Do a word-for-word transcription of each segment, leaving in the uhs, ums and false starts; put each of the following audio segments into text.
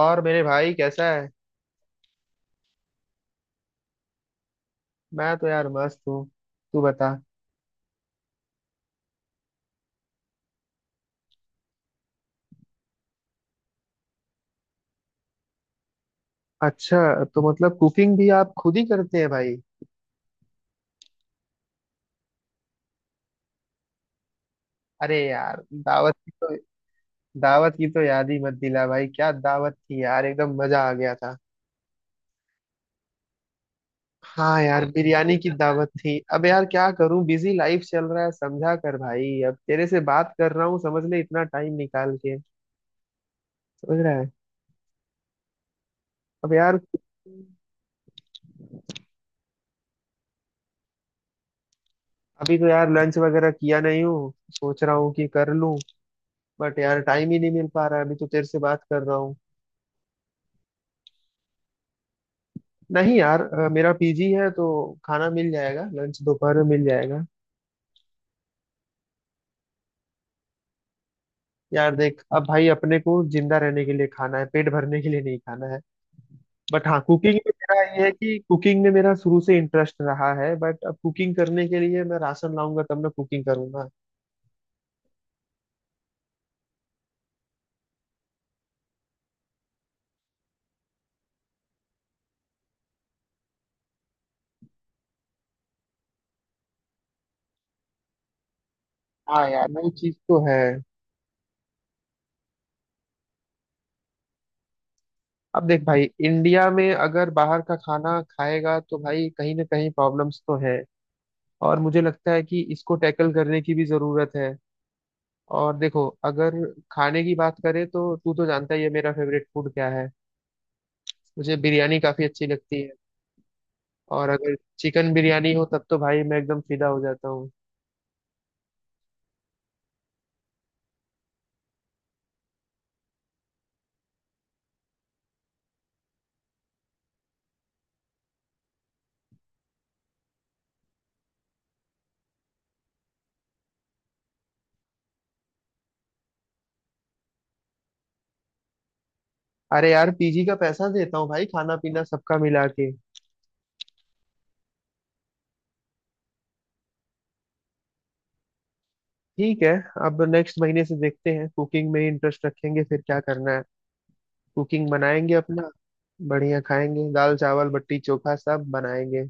और मेरे भाई कैसा है। मैं तो यार मस्त हूँ। तू बता। अच्छा, तो मतलब कुकिंग भी आप खुद ही करते हैं भाई? अरे यार, दावत की तो दावत की तो याद ही मत दिला भाई। क्या दावत थी यार, एकदम मजा आ गया था। हाँ यार, बिरयानी की दावत थी। अब यार क्या करूं, बिजी लाइफ चल रहा है, समझा कर भाई। अब तेरे से बात कर रहा हूँ समझ ले, इतना टाइम निकाल के। समझ रहा है। अब यार। अभी तो यार लंच वगैरह किया नहीं हूँ, सोच रहा हूँ कि कर लूं। बट यार, टाइम ही नहीं मिल पा रहा है, अभी तो तेरे से बात कर रहा हूँ। नहीं यार, अ, मेरा पीजी है तो खाना मिल जाएगा, लंच दोपहर में मिल जाएगा। यार देख, अब भाई अपने को जिंदा रहने के लिए खाना है, पेट भरने के लिए नहीं खाना है। बट हाँ, कुकिंग में मेरा ये है कि कुकिंग में मेरा शुरू से इंटरेस्ट रहा है। बट अब कुकिंग करने के लिए मैं राशन लाऊंगा तब मैं कुकिंग करूंगा। हाँ यार, वो चीज तो है। अब देख भाई, इंडिया में अगर बाहर का खाना खाएगा तो भाई कहीं ना कहीं प्रॉब्लम्स तो है। और मुझे लगता है कि इसको टैकल करने की भी जरूरत है। और देखो, अगर खाने की बात करें तो तू तो जानता ही है मेरा फेवरेट फूड क्या है। मुझे बिरयानी काफी अच्छी लगती है। और अगर चिकन बिरयानी हो तब तो भाई मैं एकदम फिदा हो जाता हूँ। अरे यार, पीजी का पैसा देता हूँ भाई, खाना पीना सबका मिला के। ठीक है। अब नेक्स्ट महीने से देखते हैं, कुकिंग में इंटरेस्ट रखेंगे फिर क्या करना है। कुकिंग बनाएंगे अपना। बढ़िया खाएंगे, दाल चावल बट्टी चोखा सब बनाएंगे।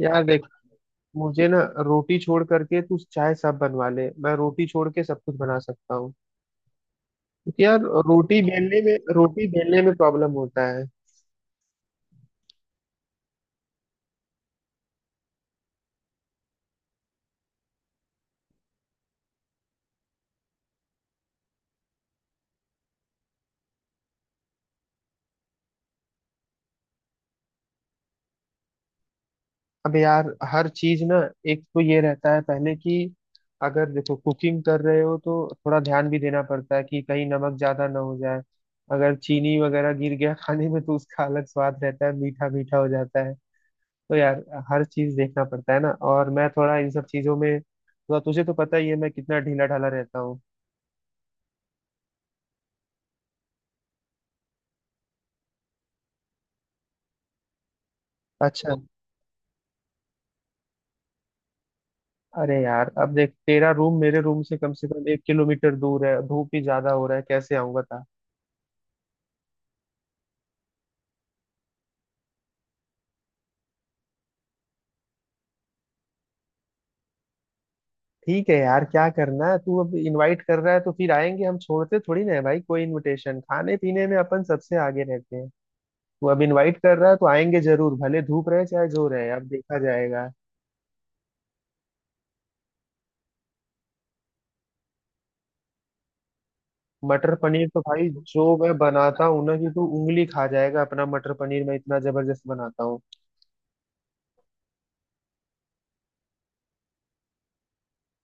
यार देख, मुझे ना रोटी छोड़ करके तू चाहे सब बनवा ले, मैं रोटी छोड़ के सब कुछ बना सकता हूँ। क्योंकि यार रोटी बेलने में रोटी बेलने में प्रॉब्लम होता है। अब यार हर चीज ना, एक तो ये रहता है पहले कि अगर देखो कुकिंग कर रहे हो तो थोड़ा ध्यान भी देना पड़ता है कि कहीं नमक ज्यादा ना हो जाए। अगर चीनी वगैरह गिर गया खाने में तो उसका अलग स्वाद रहता है, मीठा मीठा हो जाता है। तो यार हर चीज देखना पड़ता है ना। और मैं थोड़ा इन सब चीजों में थोड़ा, तुझे तो पता ही है मैं कितना ढीला ढाला रहता हूँ। अच्छा। अरे यार, अब देख तेरा रूम मेरे रूम से कम से कम एक किलोमीटर दूर है, धूप भी ज्यादा हो रहा है, कैसे आऊंगा था। ठीक है यार, क्या करना है, तू अब इनवाइट कर रहा है तो फिर आएंगे। हम छोड़ते थोड़ी ना है भाई कोई इनविटेशन, खाने पीने में अपन सबसे आगे रहते हैं। तू अब इनवाइट कर रहा है तो आएंगे जरूर, भले धूप रहे चाहे जो रहे, अब देखा जाएगा। मटर पनीर तो भाई जो मैं बनाता हूँ ना कि तू उंगली खा जाएगा, अपना मटर पनीर मैं इतना जबरदस्त बनाता हूँ।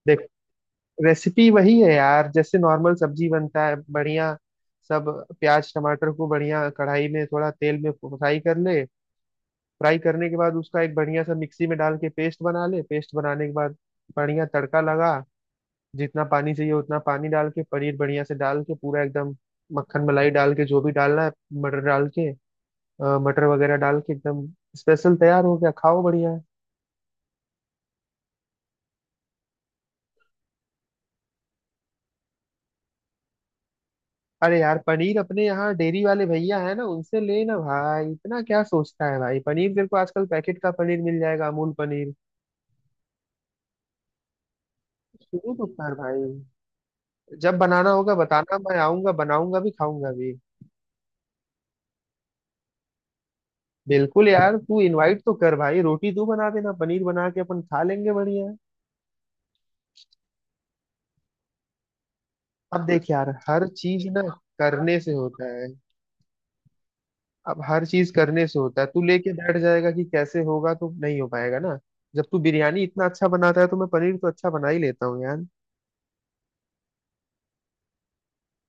देख, रेसिपी वही है यार जैसे नॉर्मल सब्जी बनता है बढ़िया। सब प्याज टमाटर को बढ़िया कढ़ाई में थोड़ा तेल में फ्राई कर ले। फ्राई करने के बाद उसका एक बढ़िया सा मिक्सी में डाल के पेस्ट बना ले। पेस्ट बनाने के बाद बढ़िया तड़का लगा। जितना पानी चाहिए उतना पानी डाल के, पनीर बढ़िया से डाल के पूरा एकदम मक्खन मलाई डाल के जो भी डालना है, मटर डाल के अ, मटर वगैरह डाल के एकदम स्पेशल तैयार हो गया, खाओ बढ़िया। अरे यार, पनीर अपने यहाँ डेयरी वाले भैया है ना, उनसे ले ना भाई, इतना क्या सोचता है भाई। पनीर तेरे को आजकल पैकेट का पनीर मिल जाएगा, अमूल पनीर। शुरू तो कर भाई, जब बनाना होगा बताना, मैं आऊंगा, बनाऊंगा भी खाऊंगा भी। बिल्कुल यार, तू इनवाइट तो कर भाई, रोटी तू बना देना, पनीर बना के अपन खा लेंगे बढ़िया। अब देख यार, हर चीज ना करने से होता है। अब हर चीज करने से होता है, तू लेके बैठ जाएगा कि कैसे होगा तो नहीं हो पाएगा ना। जब तू बिरयानी इतना अच्छा बनाता है तो मैं पनीर तो अच्छा बना ही लेता हूँ यार।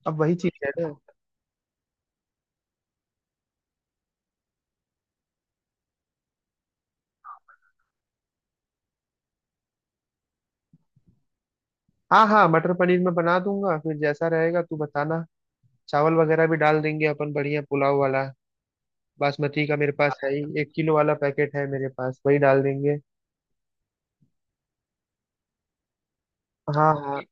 अब वही चीज है। हाँ हाँ, मटर पनीर मैं बना दूंगा, फिर जैसा रहेगा तू बताना। चावल वगैरह भी डाल देंगे अपन, बढ़िया पुलाव वाला। बासमती का मेरे पास है ही, एक किलो वाला पैकेट है मेरे पास, वही डाल देंगे। हाँ हाँ।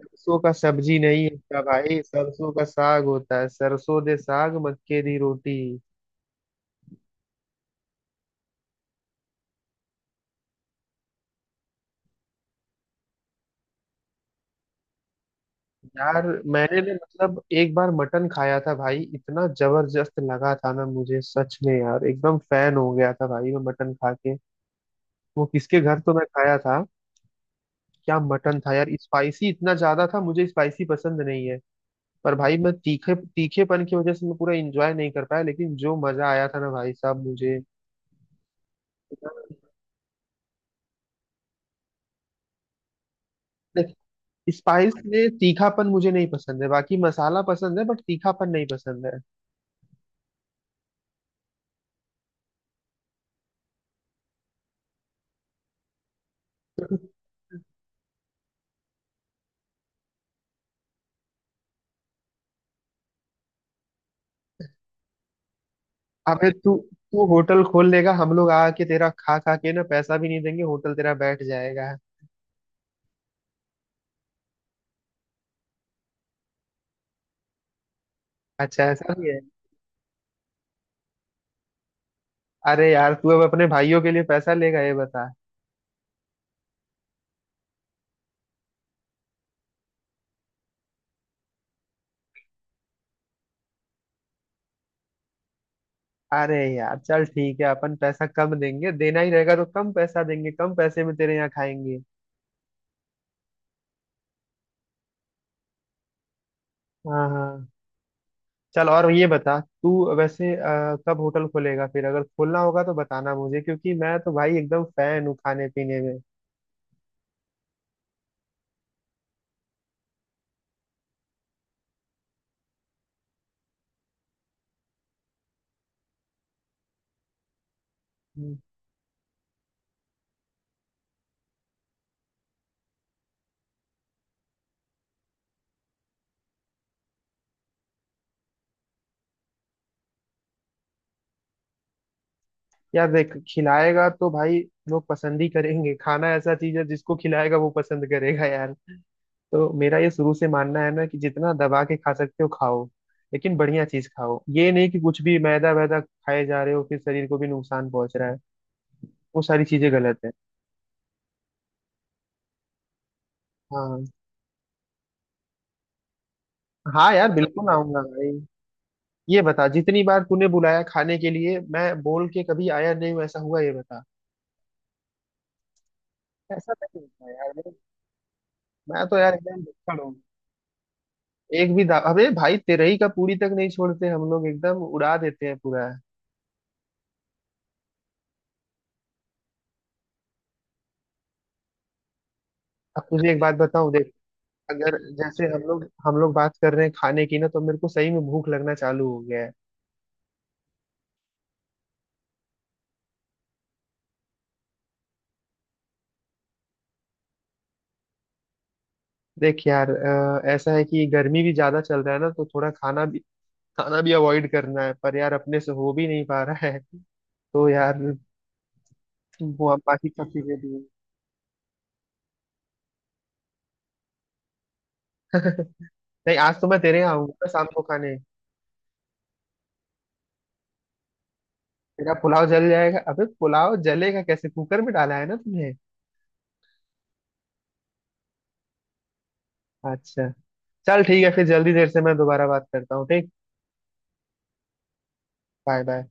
सरसों का सब्जी नहीं होता भाई, सरसों का साग होता है। सरसों दे साग, मक्के दी रोटी। यार, मैंने ना मतलब एक बार मटन खाया था भाई, इतना जबरदस्त लगा था ना मुझे, सच में यार, एकदम फैन हो गया था भाई मैं मटन खा के। वो किसके घर तो मैं खाया था। क्या मटन था यार, स्पाइसी इतना ज्यादा था, मुझे स्पाइसी पसंद नहीं है। पर भाई मैं तीखे तीखेपन की वजह से मैं पूरा एंजॉय नहीं कर पाया, लेकिन जो मजा आया था ना भाई साहब मुझे। देख, स्पाइस में तीखापन मुझे नहीं पसंद है, बाकी मसाला पसंद है, बट तीखापन नहीं पसंद है। अबे तू तू होटल खोल लेगा, हम लोग आके तेरा खा खा के ना पैसा भी नहीं देंगे, होटल तेरा बैठ जाएगा। अच्छा, ऐसा भी है? अरे यार, तू अब अपने भाइयों के लिए पैसा लेगा, ये बता? अरे यार, चल ठीक है, अपन पैसा कम देंगे, देना ही रहेगा तो कम पैसा देंगे, कम पैसे में तेरे यहाँ खाएंगे। हाँ हाँ। चल, और ये बता तू वैसे अ, कब होटल खोलेगा फिर, अगर खोलना होगा तो बताना मुझे, क्योंकि मैं तो भाई एकदम फैन हूँ खाने पीने में। हम्म। यार देख, खिलाएगा तो भाई लोग पसंद ही करेंगे। खाना ऐसा चीज है जिसको खिलाएगा वो पसंद करेगा यार। तो मेरा ये शुरू से मानना है ना कि जितना दबा के खा सकते हो खाओ, लेकिन बढ़िया चीज खाओ। ये नहीं कि कुछ भी मैदा वैदा खाए जा रहे हो, फिर शरीर को भी नुकसान पहुंच रहा है, वो सारी चीजें गलत है। हाँ। हाँ यार, बिल्कुल आऊंगा भाई। ये बता, जितनी बार तूने बुलाया खाने के लिए, मैं बोल के कभी आया नहीं हूँ ऐसा हुआ ये बता। ऐसा नहीं होता यार। मैं मैं तो यार एकदम भुक्कड़ हूँ। एक भी दा... अबे भाई तेरे ही का पूरी तक नहीं छोड़ते हम लोग, एकदम उड़ा देते हैं पूरा। अब तुझे एक बात बताऊं देख, अगर जैसे हम लोग हम लोग बात कर रहे हैं खाने की ना, तो मेरे को सही में भूख लगना चालू हो गया है। देख यार, अ, ऐसा है कि गर्मी भी ज्यादा चल रहा है ना तो थोड़ा खाना भी खाना भी अवॉइड करना है, पर यार अपने से हो भी नहीं पा रहा है। तो यार, वो अब बाकी सब चीजें भी हैं। नहीं, आज तो मैं तेरे यहाँ आऊंगा ना, शाम को खाने। तेरा पुलाव जल जाएगा? अबे पुलाव जलेगा कैसे, कुकर में डाला है ना तुमने? अच्छा। चल ठीक है, फिर जल्दी देर से मैं दोबारा बात करता हूँ, ठीक। Bye bye.